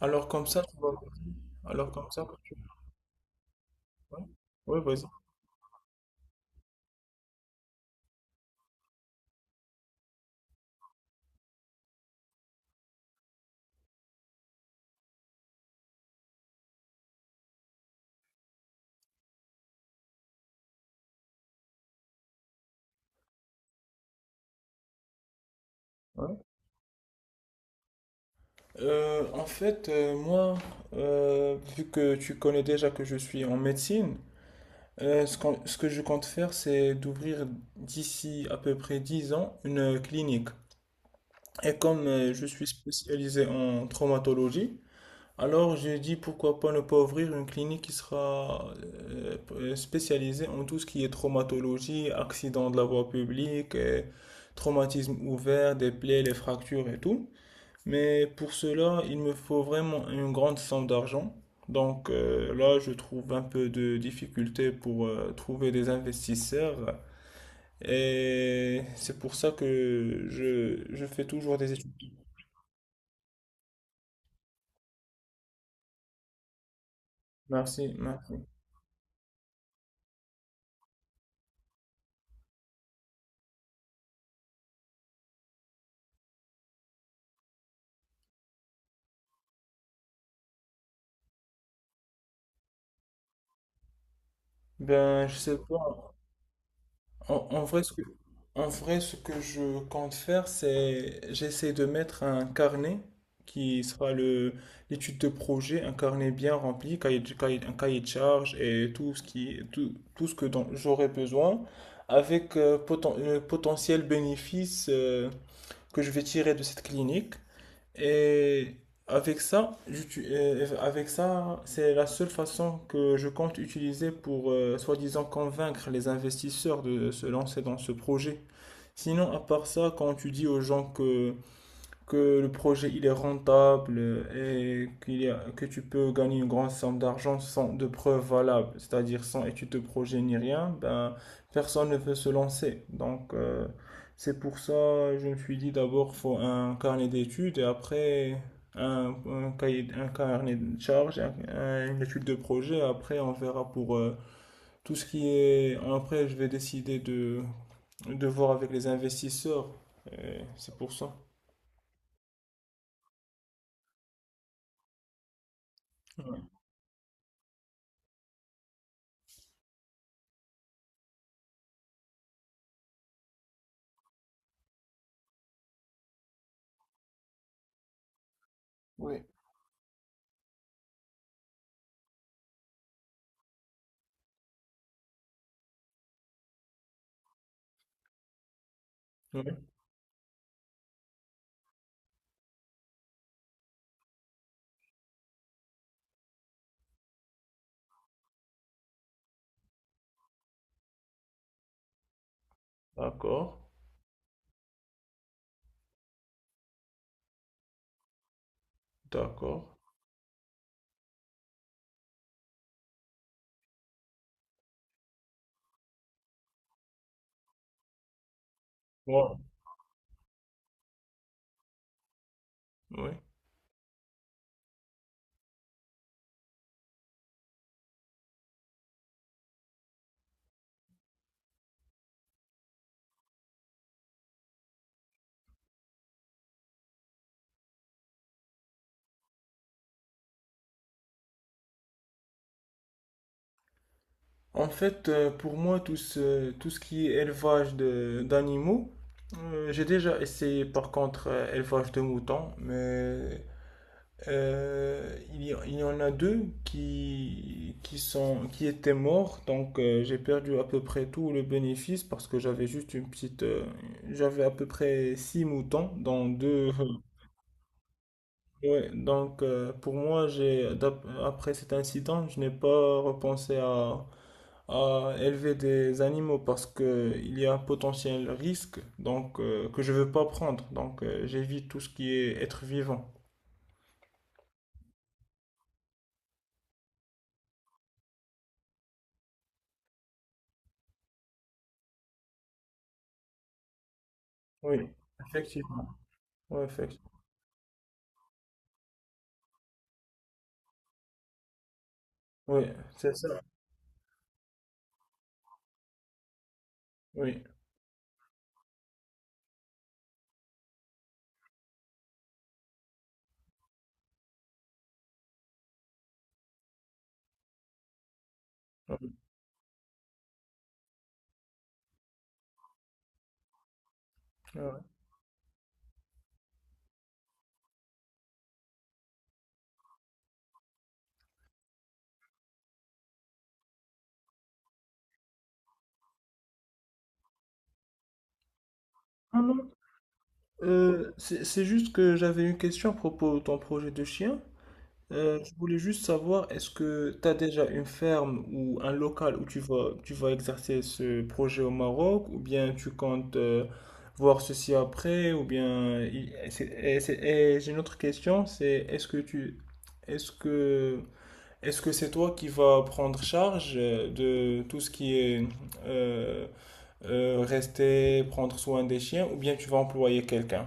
Alors comme ça, tu vas. Alors comme ça, quand tu. Ouais, ouais, vas-y. Ouais. En fait, moi, vu que tu connais déjà que je suis en médecine, ce que je compte faire, c'est d'ouvrir d'ici à peu près 10 ans une clinique. Et comme je suis spécialisé en traumatologie, alors, je dis pourquoi pas ne pas ouvrir une clinique qui sera spécialisée en tout ce qui est traumatologie, accident de la voie publique, traumatisme ouvert, des plaies, les fractures et tout. Mais pour cela, il me faut vraiment une grande somme d'argent. Donc là, je trouve un peu de difficulté pour trouver des investisseurs. Et c'est pour ça que je fais toujours des études. Merci, merci. Ben, je sais pas. En, en vrai, ce que, en vrai, ce que je compte faire, c'est j'essaie de mettre un carnet qui sera le l'étude de projet, un carnet bien rempli, un cahier de charge et tout ce qui tout ce que dont j'aurai besoin, avec le potentiel bénéfice que je vais tirer de cette clinique. Et avec ça, c'est la seule façon que je compte utiliser pour soi-disant convaincre les investisseurs de se lancer dans ce projet. Sinon, à part ça, quand tu dis aux gens que le projet il est rentable et que tu peux gagner une grande somme d'argent sans de preuves valables, c'est-à-dire sans étude de projet ni rien, ben, personne ne veut se lancer. Donc c'est pour ça je me suis dit d'abord faut un carnet d'études et après un cahier, un carnet de charges, une étude de projet. Après on verra pour tout ce qui est. Après je vais décider de voir avec les investisseurs. Et c'est pour ça. Ouais. Oui. Ouais. D'accord, d'accord. Wow. Oui. En fait, pour moi, tout ce qui est élevage d'animaux, j'ai déjà essayé par contre élevage de moutons, mais il y en a deux qui étaient morts, donc j'ai perdu à peu près tout le bénéfice parce que j'avais juste une petite, j'avais à peu près 6 moutons dans deux, ouais, donc pour moi, après cet incident, je n'ai pas repensé à élever des animaux parce que il y a un potentiel risque donc que je veux pas prendre. Donc j'évite tout ce qui est être vivant. Oui, effectivement. Oui, effectivement. Oui, c'est ça. Oui. Oui. Ouais. Ah non, c'est juste que j'avais une question à propos de ton projet de chien. Je voulais juste savoir, est-ce que tu as déjà une ferme ou un local où tu vas exercer ce projet au Maroc, ou bien tu comptes voir ceci après, ou bien. Et j'ai une autre question, c'est est-ce que tu. Est-ce que. Est-ce que c'est toi qui vas prendre charge de tout ce qui est euh, rester, prendre soin des chiens, ou bien tu vas employer quelqu'un?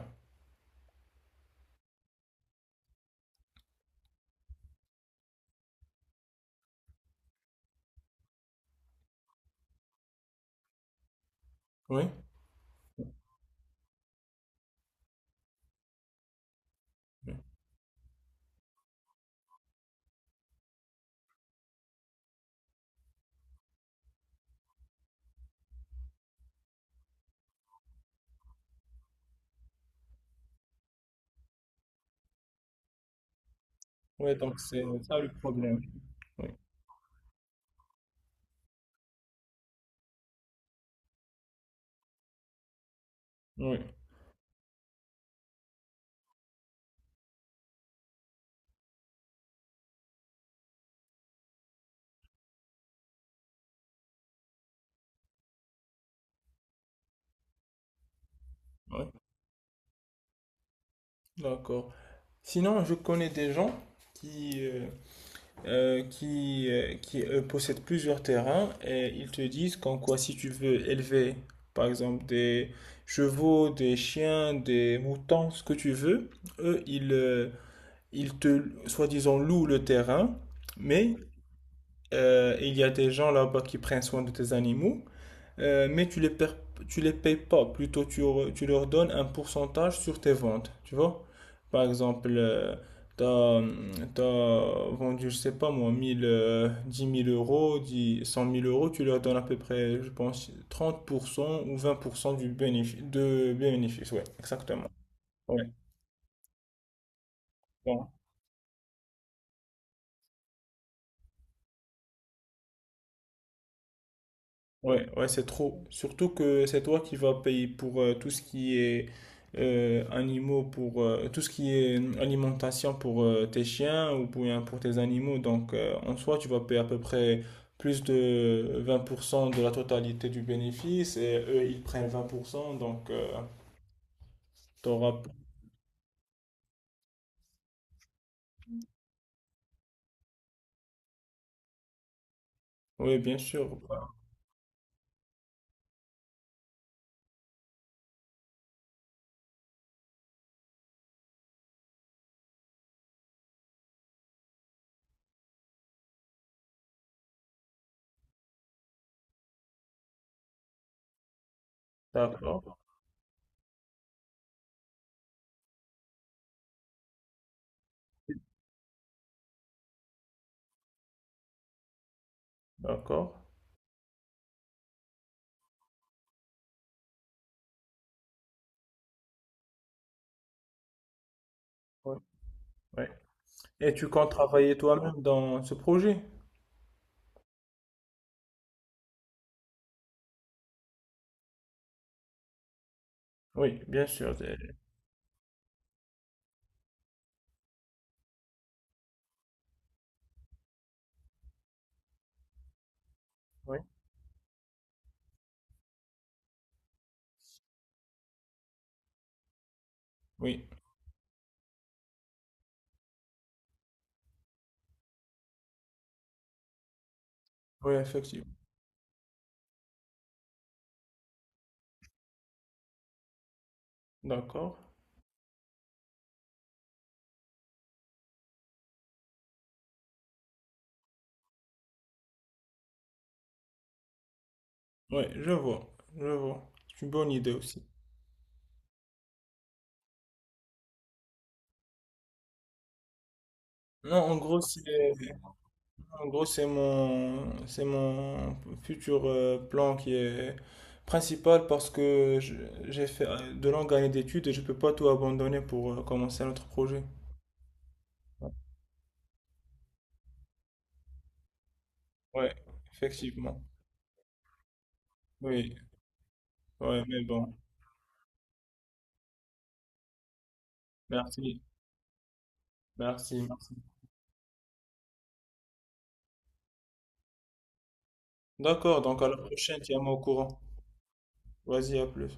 Oui? Oui, ouais, donc c'est ça le problème. Oui, oui. Oui. D'accord. Sinon, je connais des gens qui, euh, qui possèdent plusieurs terrains et ils te disent qu'en quoi si tu veux élever, par exemple, des chevaux, des chiens, des moutons, ce que tu veux, eux, ils te, soi-disant, louent le terrain, mais il y a des gens là-bas qui prennent soin de tes animaux mais tu les payes pas. Plutôt, tu leur donnes un pourcentage sur tes ventes, tu vois. Par exemple, t'as t'as vendu, je sais pas moi, 1000 10 000 euros, dix cent mille euros, tu leur donnes à peu près, je pense, 30% ou 20% du bénéfice, de bénéfice, ouais, exactement. Ouais. Bon. Ouais, ouais, c'est trop. Surtout que c'est toi qui vas payer pour tout ce qui est animaux, pour tout ce qui est alimentation pour tes chiens ou pour tes animaux. Donc, en soi, tu vas payer à peu près plus de 20% de la totalité du bénéfice et eux, ils prennent 20%. Donc, t'auras. Oui, bien sûr. D'accord, d'accord. Ouais, ouais. Et tu comptes travailler toi-même dans ce projet? Oui, bien sûr. Oui, oui, oui, effectivement. D'accord. Ouais, je vois, je vois. C'est une bonne idée aussi. Non, en gros, c'est mon futur plan qui est principal parce que j'ai fait de longues années d'études et je peux pas tout abandonner pour commencer un autre projet. Ouais, effectivement. Oui, ouais, mais bon. Merci. Merci, merci. D'accord, donc à la prochaine, tiens-moi au courant. Vas-y, à plus.